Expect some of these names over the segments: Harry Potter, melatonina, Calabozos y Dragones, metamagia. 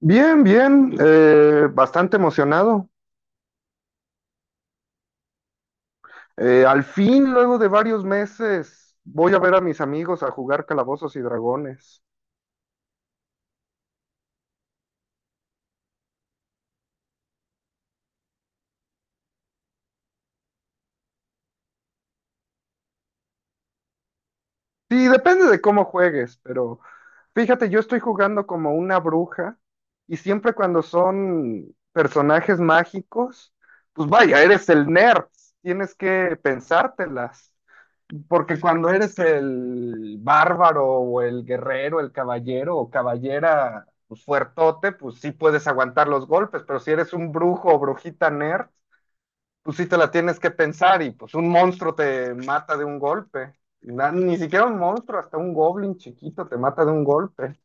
Bien, bien, bastante emocionado. Al fin, luego de varios meses, voy a ver a mis amigos a jugar Calabozos y Dragones. Sí, depende de cómo juegues, pero fíjate, yo estoy jugando como una bruja y siempre cuando son personajes mágicos, pues vaya, eres el nerd, tienes que pensártelas. Porque cuando eres el bárbaro o el guerrero, el caballero o caballera pues, fuertote, pues sí puedes aguantar los golpes, pero si eres un brujo o brujita nerd, pues sí te la tienes que pensar y pues un monstruo te mata de un golpe. Ni siquiera un monstruo, hasta un goblin chiquito te mata de un golpe.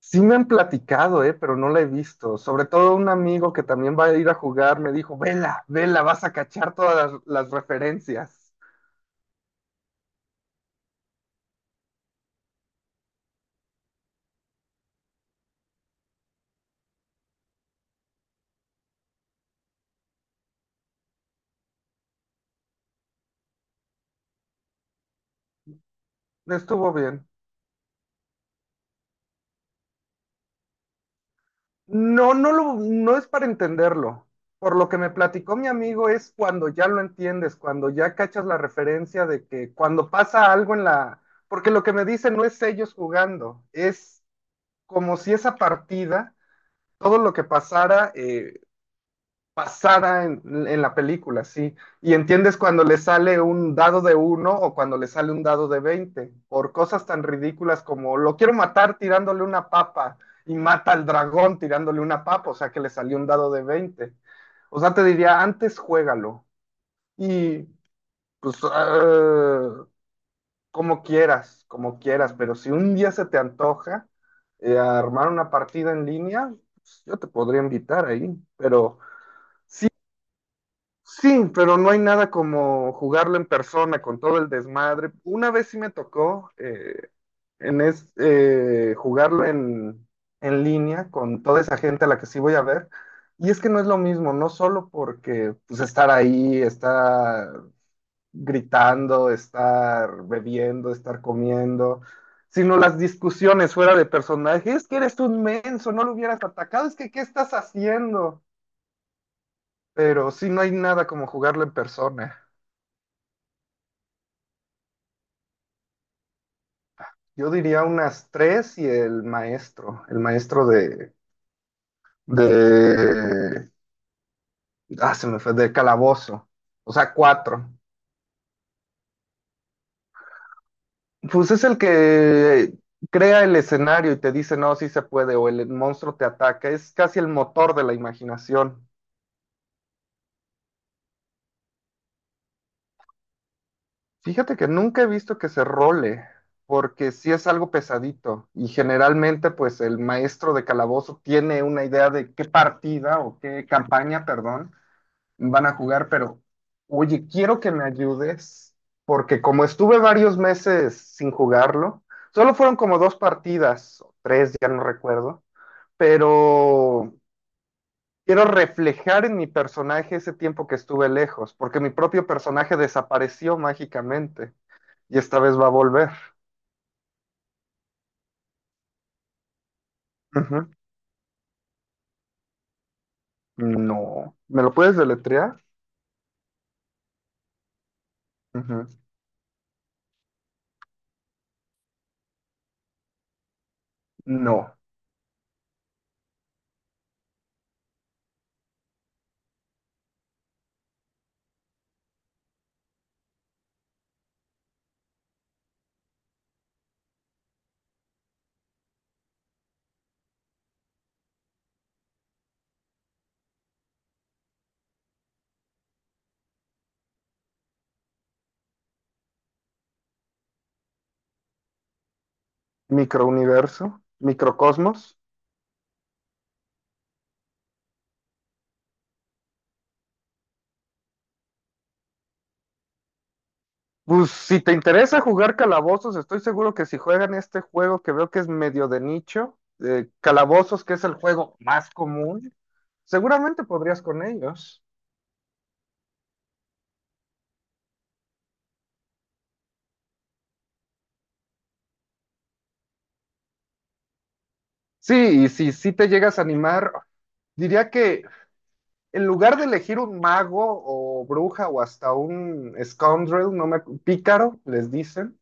Sí me han platicado, pero no la he visto. Sobre todo un amigo que también va a ir a jugar me dijo, vela, vela, vas a cachar todas las referencias. Estuvo bien. No, no es para entenderlo. Por lo que me platicó mi amigo es cuando ya lo entiendes, cuando ya cachas la referencia de que cuando pasa algo en la. Porque lo que me dicen no es ellos jugando, es como si esa partida, todo lo que pasara, pasada en, la película, sí. Y entiendes cuando le sale un dado de uno o cuando le sale un dado de 20 por cosas tan ridículas como lo quiero matar tirándole una papa y mata al dragón tirándole una papa, o sea que le salió un dado de 20. O sea, te diría, antes juégalo y pues como quieras, pero si un día se te antoja armar una partida en línea, pues, yo te podría invitar ahí, pero. Sí, pero no hay nada como jugarlo en persona con todo el desmadre. Una vez sí me tocó jugarlo en línea con toda esa gente a la que sí voy a ver. Y es que no es lo mismo, no solo porque pues, estar ahí, estar gritando, estar bebiendo, estar comiendo, sino las discusiones fuera de personaje. Es que eres un menso, no lo hubieras atacado, es que ¿qué estás haciendo? Pero sí, no hay nada como jugarlo en persona. Yo diría unas tres y el maestro de, de, se me fue, de calabozo, o sea, cuatro. Pues es el que crea el escenario y te dice, no, sí se puede, o el monstruo te ataca, es casi el motor de la imaginación. Fíjate que nunca he visto que se role, porque sí es algo pesadito, y generalmente pues el maestro de calabozo tiene una idea de qué partida o qué campaña, perdón, van a jugar, pero oye, quiero que me ayudes, porque como estuve varios meses sin jugarlo, solo fueron como dos partidas, o tres, ya no recuerdo, pero quiero reflejar en mi personaje ese tiempo que estuve lejos, porque mi propio personaje desapareció mágicamente y esta vez va a volver. Ujú. No. ¿Me lo puedes deletrear? Ujú. No. Microuniverso, microcosmos. Pues si te interesa jugar calabozos, estoy seguro que si juegan este juego que veo que es medio de nicho, calabozos, que es el juego más común, seguramente podrías con ellos. Sí, y si sí te llegas a animar, diría que en lugar de elegir un mago o bruja o hasta un scoundrel, no me, acu- pícaro, les dicen.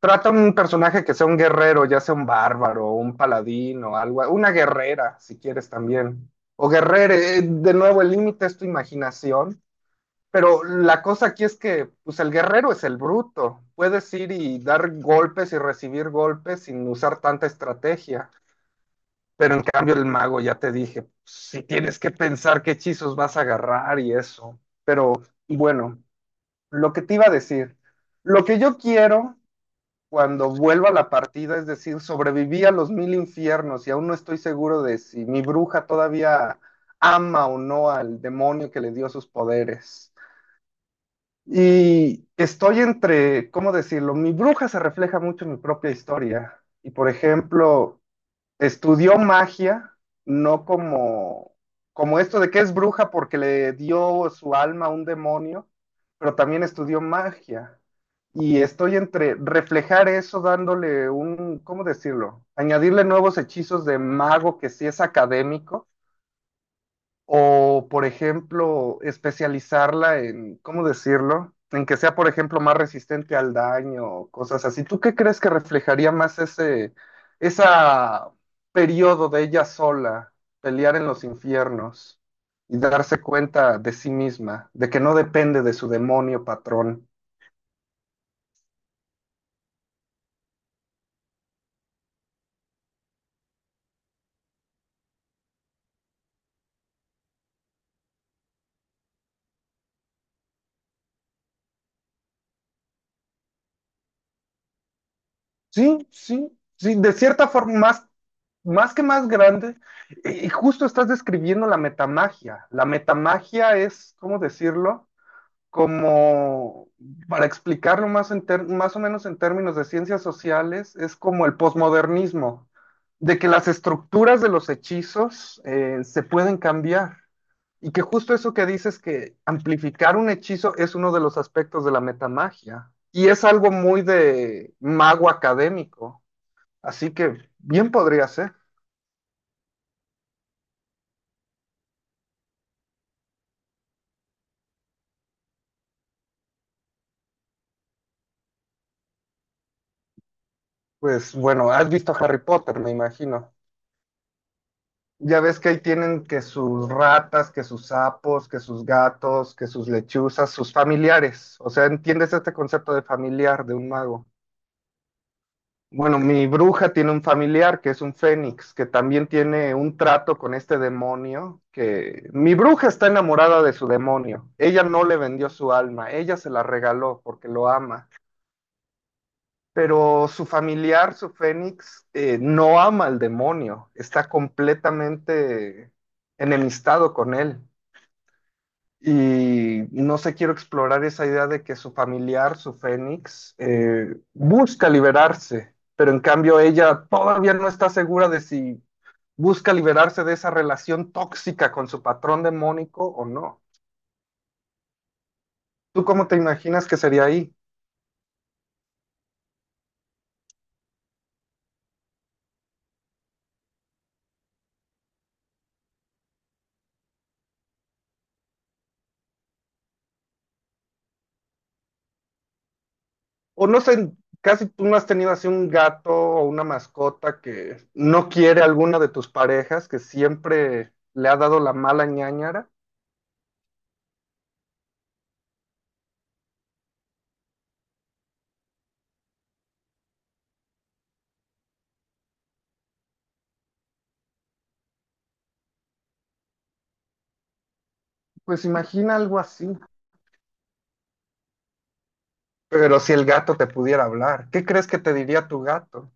Trata un personaje que sea un guerrero, ya sea un bárbaro, un paladín o algo, una guerrera, si quieres también. O guerrere, de nuevo, el límite es tu imaginación, pero la cosa aquí es que, pues el guerrero es el bruto. Puedes ir y dar golpes y recibir golpes sin usar tanta estrategia, pero en cambio el mago, ya te dije, si tienes que pensar qué hechizos vas a agarrar y eso. Pero bueno, lo que te iba a decir, lo que yo quiero cuando vuelva a la partida, es decir, sobreviví a los mil infiernos y aún no estoy seguro de si mi bruja todavía ama o no al demonio que le dio sus poderes. Y estoy entre, ¿cómo decirlo? Mi bruja se refleja mucho en mi propia historia. Y por ejemplo, estudió magia, no como esto de que es bruja porque le dio su alma a un demonio, pero también estudió magia. Y estoy entre reflejar eso dándole un, ¿cómo decirlo? Añadirle nuevos hechizos de mago que sí es académico o, por ejemplo, especializarla en, ¿cómo decirlo? En que sea, por ejemplo, más resistente al daño, cosas así. ¿Tú qué crees que reflejaría más esa periodo de ella sola, pelear en los infiernos y darse cuenta de sí misma, de que no depende de su demonio patrón? Sí, sí, sí, de cierta forma, más que más grande. Y justo estás describiendo la metamagia. La metamagia es, ¿cómo decirlo? Como, para explicarlo más, más o menos en términos de ciencias sociales, es como el posmodernismo, de que las estructuras de los hechizos se pueden cambiar. Y que justo eso que dices, que amplificar un hechizo, es uno de los aspectos de la metamagia. Y es algo muy de mago académico. Así que bien podría ser. Pues bueno, has visto Harry Potter, me imagino. Ya ves que ahí tienen que sus ratas, que sus sapos, que sus gatos, que sus lechuzas, sus familiares. O sea, ¿entiendes este concepto de familiar de un mago? Bueno, mi bruja tiene un familiar que es un fénix, que también tiene un trato con este demonio, que mi bruja está enamorada de su demonio. Ella no le vendió su alma, ella se la regaló porque lo ama. Pero su familiar, su fénix, no ama al demonio, está completamente enemistado con él. Y no sé, quiero explorar esa idea de que su familiar, su Fénix, busca liberarse, pero en cambio ella todavía no está segura de si busca liberarse de esa relación tóxica con su patrón demónico o no. ¿Tú cómo te imaginas que sería ahí? O no sé, casi tú no has tenido así un gato o una mascota que no quiere alguna de tus parejas, que siempre le ha dado la mala ñáñara. Pues imagina algo así. Pero si el gato te pudiera hablar, ¿qué crees que te diría tu gato?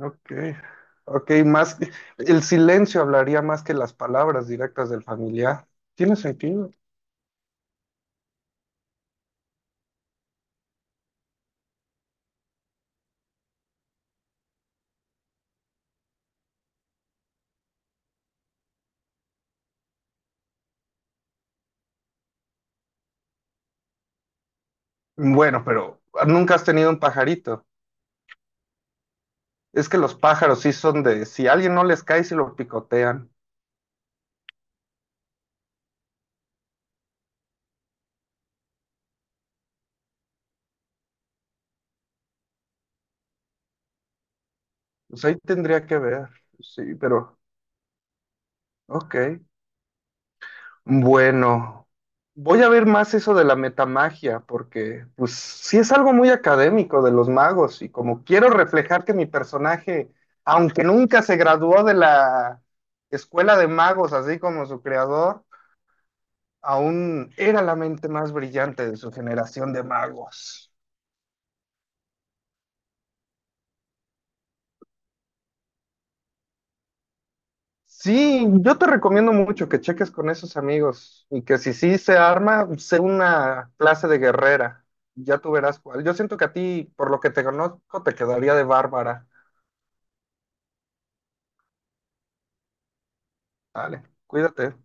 Ok, ok, más el silencio hablaría más que las palabras directas del familiar. Tiene sentido. Bueno, pero nunca has tenido un pajarito. Es que los pájaros sí son de, si a alguien no les cae, se lo picotean. Pues ahí tendría que ver. Sí, pero, ok. Bueno, voy a ver más eso de la metamagia, porque pues sí es algo muy académico de los magos y como quiero reflejar que mi personaje, aunque nunca se graduó de la escuela de magos, así como su creador, aún era la mente más brillante de su generación de magos. Sí, yo te recomiendo mucho que cheques con esos amigos y que si sí se arma, sé una clase de guerrera. Ya tú verás cuál. Yo siento que a ti, por lo que te conozco, te quedaría de bárbara. Dale, cuídate.